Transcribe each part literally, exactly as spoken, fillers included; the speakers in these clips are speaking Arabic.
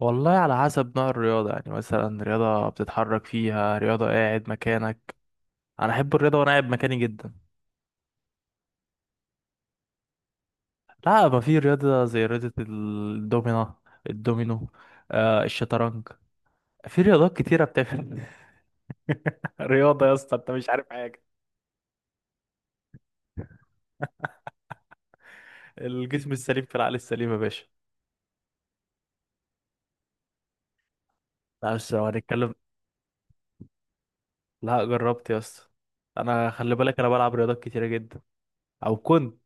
والله على حسب نوع الرياضة، يعني مثلا رياضة بتتحرك فيها، رياضة قاعد مكانك. أنا أحب الرياضة وأنا قاعد مكاني جدا. لا، ما في رياضة زي رياضة الدومينة الدومينو. آه، الشطرنج. في رياضات كتيرة بتعمل. رياضة يا اسطى، أنت مش عارف حاجة. الجسم السليم في العقل السليم يا باشا. لا، بس لو هنتكلم. لا، جربت يا اسطى. أنا خلي بالك، أنا بلعب رياضات كتيرة جدا. أو كنت.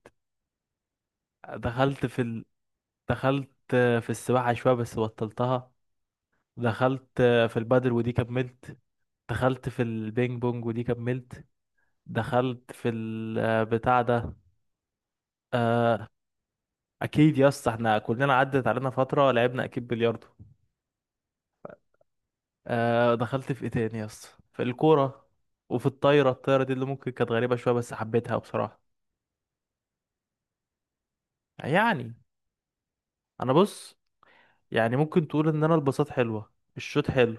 دخلت في ال... دخلت في السباحة شوية بس بطلتها. دخلت آه، في البادل ودي كملت. دخلت في البينج بونج ودي كملت. دخلت في البتاع ده. آه، اكيد يا اسطى، احنا كلنا عدت علينا فتره لعبنا اكيد بلياردو. آه، دخلت في ايه تاني يا اسطى، في الكوره وفي الطايره. الطايره دي اللي ممكن كانت غريبه شويه بس حبيتها بصراحه. يعني انا بص، يعني ممكن تقول ان انا البساط حلوه، الشوت حلو،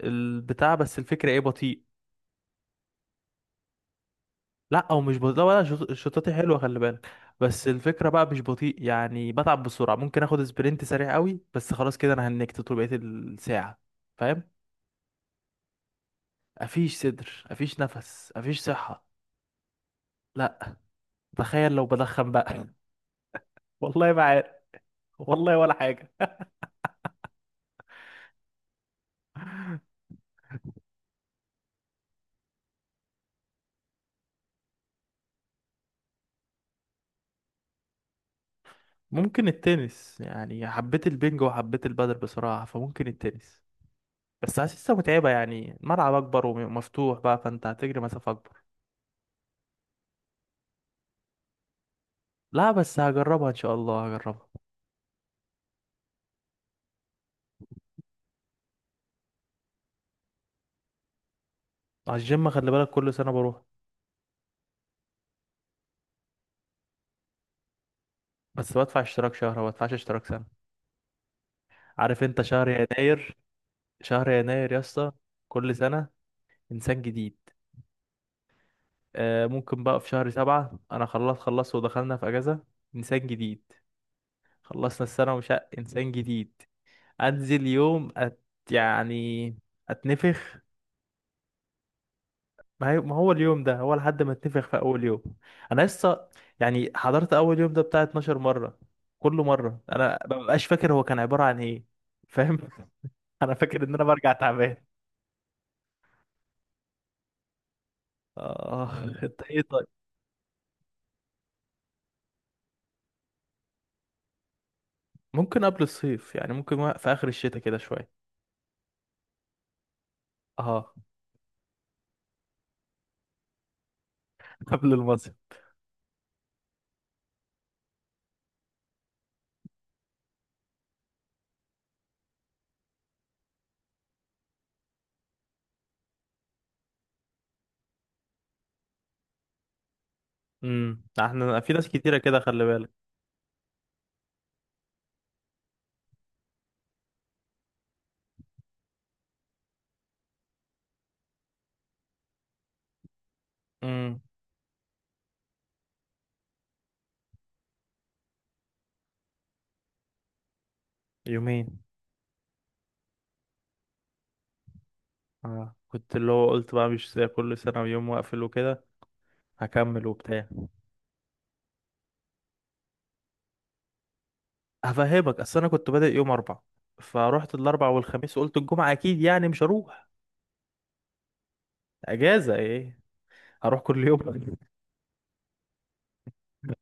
البتاع، بس الفكره ايه، بطيء. لا، او مش بطيء، لا، ولا شط- شطاتي حلوه خلي بالك. بس الفكره بقى مش بطيء، يعني بتعب بسرعه. ممكن اخد سبرنت سريع قوي بس خلاص كده انا هنكت طول بقيه الساعه. فاهم. مفيش صدر، مفيش نفس، مفيش صحه. لا. تخيل لو بدخن بقى. والله ما عارف. والله ولا حاجه. ممكن التنس، يعني حبيت البنج وحبيت البادل بصراحه، فممكن التنس. بس حاسسها متعبه، يعني الملعب اكبر ومفتوح بقى، فانت هتجري مسافه اكبر. لا بس هجربها ان شاء الله، هجربها. على الجيم خلي بالك، كل سنه بروح. بس بدفع اشتراك شهر، ما بدفعش اشتراك سنة. عارف انت، شهر يناير. شهر يناير يا اسطى. كل سنة انسان جديد. آه، ممكن بقى في شهر سبعة انا خلاص خلصت ودخلنا في اجازة. انسان جديد. خلصنا السنة ومش ه- انسان جديد. انزل يوم أت. يعني اتنفخ. ما هي- ما هو اليوم ده هو لحد ما اتنفخ في اول يوم. انا لسه، يعني حضرت اول يوم ده بتاع اتناشر مرة. كل مرة انا مببقاش فاكر هو كان عبارة عن ايه. فاهم. انا فاكر ان انا برجع تعبان. اه يعني. انت ايه طيب؟ ممكن قبل الصيف، يعني ممكن وق- في اخر الشتاء كده شويه. اه. قبل المصيف. امم احنا في ناس كتيره كده خلي بالك. امم يومين. اه كنت اللي هو قلت بقى مش زي كل سنه، ويوم واقفل وكده. هكمل وبتاع. هفهمك، اصل انا كنت بادئ يوم اربعة، فروحت الاربع والخميس وقلت الجمعه اكيد يعني مش هروح. اجازه ايه. هروح كل يوم.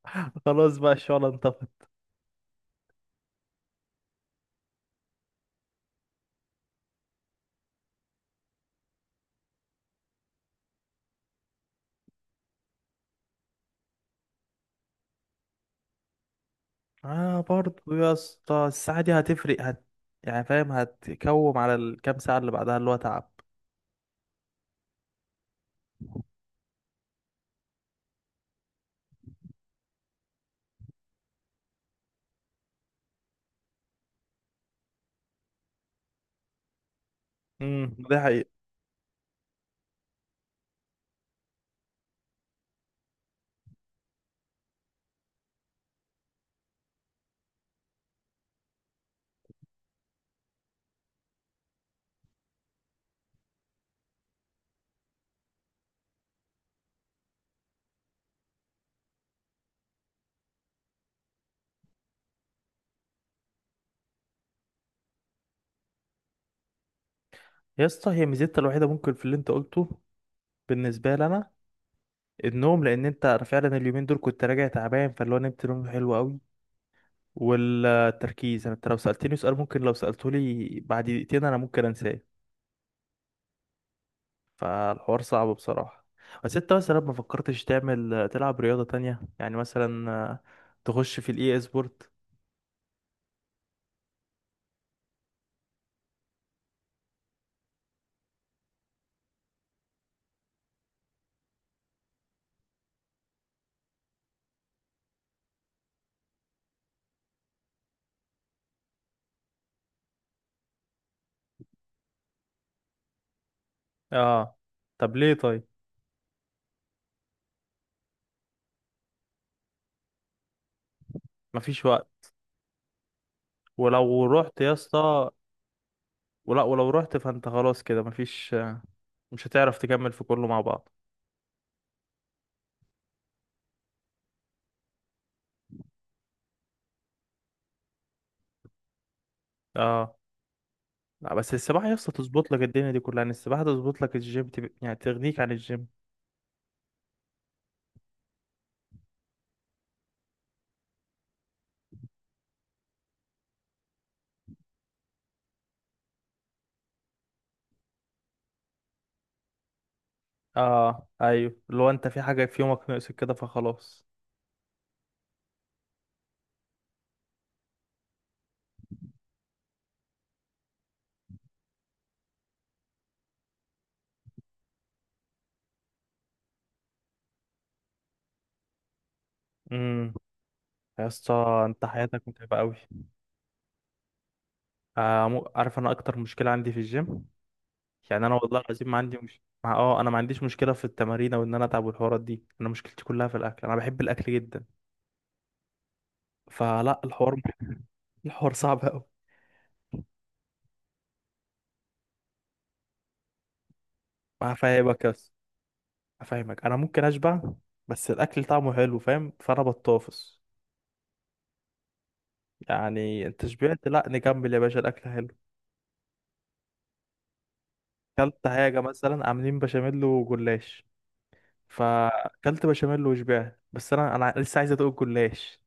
خلاص بقى الشغل انطفت. اه برضه يا اسطى، الساعة دي هتفرق هت... يعني فاهم، هتكوم على الكام ساعة اللي بعدها اللي هو تعب. امم، ده حقيقي. يا اسطى، هي ميزتها الوحيدة ممكن في اللي انت قلته بالنسبة لي انا، النوم. لان انت أنا فعلا اليومين دول كنت راجع تعبان، فاللي هو نمت نوم حلو قوي. والتركيز، انا انت لو سألتني سؤال، ممكن لو سألته لي بعد دقيقتين انا ممكن انساه. فالحوار صعب بصراحة. بس انت مثلا ما فكرتش تعمل تلعب رياضة تانية؟ يعني مثلا آه، تخش في الاي سبورت. اه. طب ليه طيب؟ مفيش وقت. ولو رحت يا اسطى، ولا ولو رحت فانت خلاص كده مفيش، مش هتعرف تكمل في كله مع بعض. اه. لا بس السباحة يا اسطى تظبط لك الدنيا دي كلها، يعني السباحة تظبط لك الجيم، تب... يعني تغنيك عن الجيم. اه ايوه، لو انت في حاجة في يومك ناقصك كده فخلاص. امم. يا اسطى انت حياتك متعبة قوي. آه، مو... عارف انا اكتر مشكلة عندي في الجيم. يعني انا والله العظيم، ما عندي مش مع اه انا ما عنديش مشكله في التمارين او ان انا اتعب والحوارات دي، انا مشكلتي كلها في الاكل، انا بحب الاكل جدا. فلا، الحوار الحوار صعب قوي. هفهمك بس هفهمك، انا ممكن اشبع بس الاكل طعمه حلو فاهم، فانا بطافس. يعني انت شبعت؟ لا، نكمل يا باشا الاكل حلو. كلت حاجه مثلا، عاملين بشاميل وجلاش، فاكلت بشاميل وشبعت بس انا انا لسه عايز ادوق الجلاش.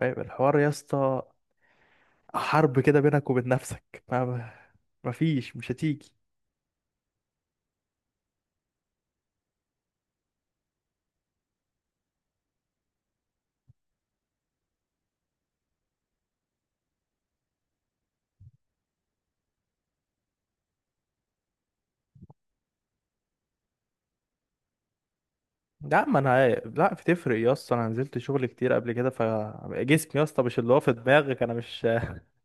فاهم الحوار يا اسطى؟ حرب كده بينك وبين نفسك. ما مفيش، مش هتيجي. لا ما انا، لا بتفرق يا اسطى، انا نزلت شغل كتير قبل كده، فجسمي يا اسطى مش اللي هو في دماغك، انا مش.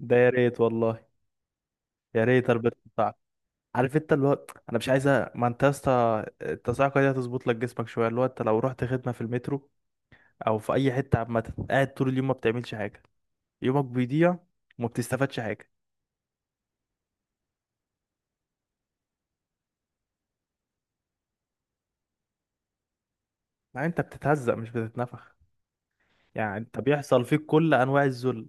ده يا ريت والله. يا ريت البس بتاعك. عارف انت اللي هو انا مش عايزه. ما انت يا اسطى التصاعقه دي هتظبط لك جسمك شويه، اللي هو انت لو رحت خدمه في المترو او في اي حته عامه، قاعد طول اليوم ما بتعملش حاجه. يومك بيضيع وما بتستفادش حاجه. لا، انت بتتهزق مش بتتنفخ. يعني انت بيحصل فيك كل انواع الذل.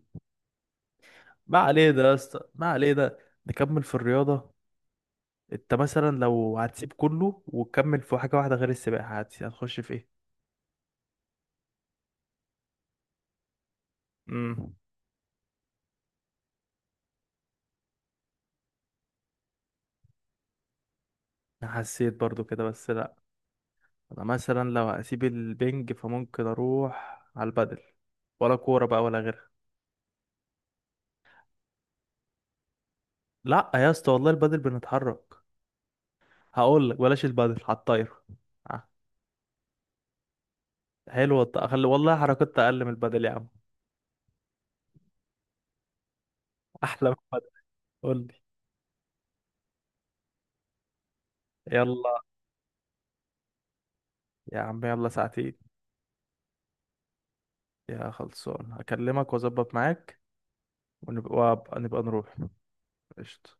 ما عليه ده يا اسطى، ما عليه ده. نكمل في الرياضة. انت مثلا لو هتسيب كله وتكمل في حاجة واحدة غير السباحة، هت- هتخش في ايه؟ امم. انا حسيت برضو كده بس لا. انا مثلا لو هسيب البنج، فممكن اروح على البدل ولا كورة بقى ولا غيرها. لا يا اسطى والله البدل بنتحرك. هقول لك، بلاش البدل، على الطايرة. آه، حلوة الط- أخلي والله حركات اقل من البدل يا عم. احلى من البدل. قول لي. يلا، يا عم يلا ساعتين. يا خلصان هكلمك واظبط معاك. ونبقى ونبقى نروح. قشطة.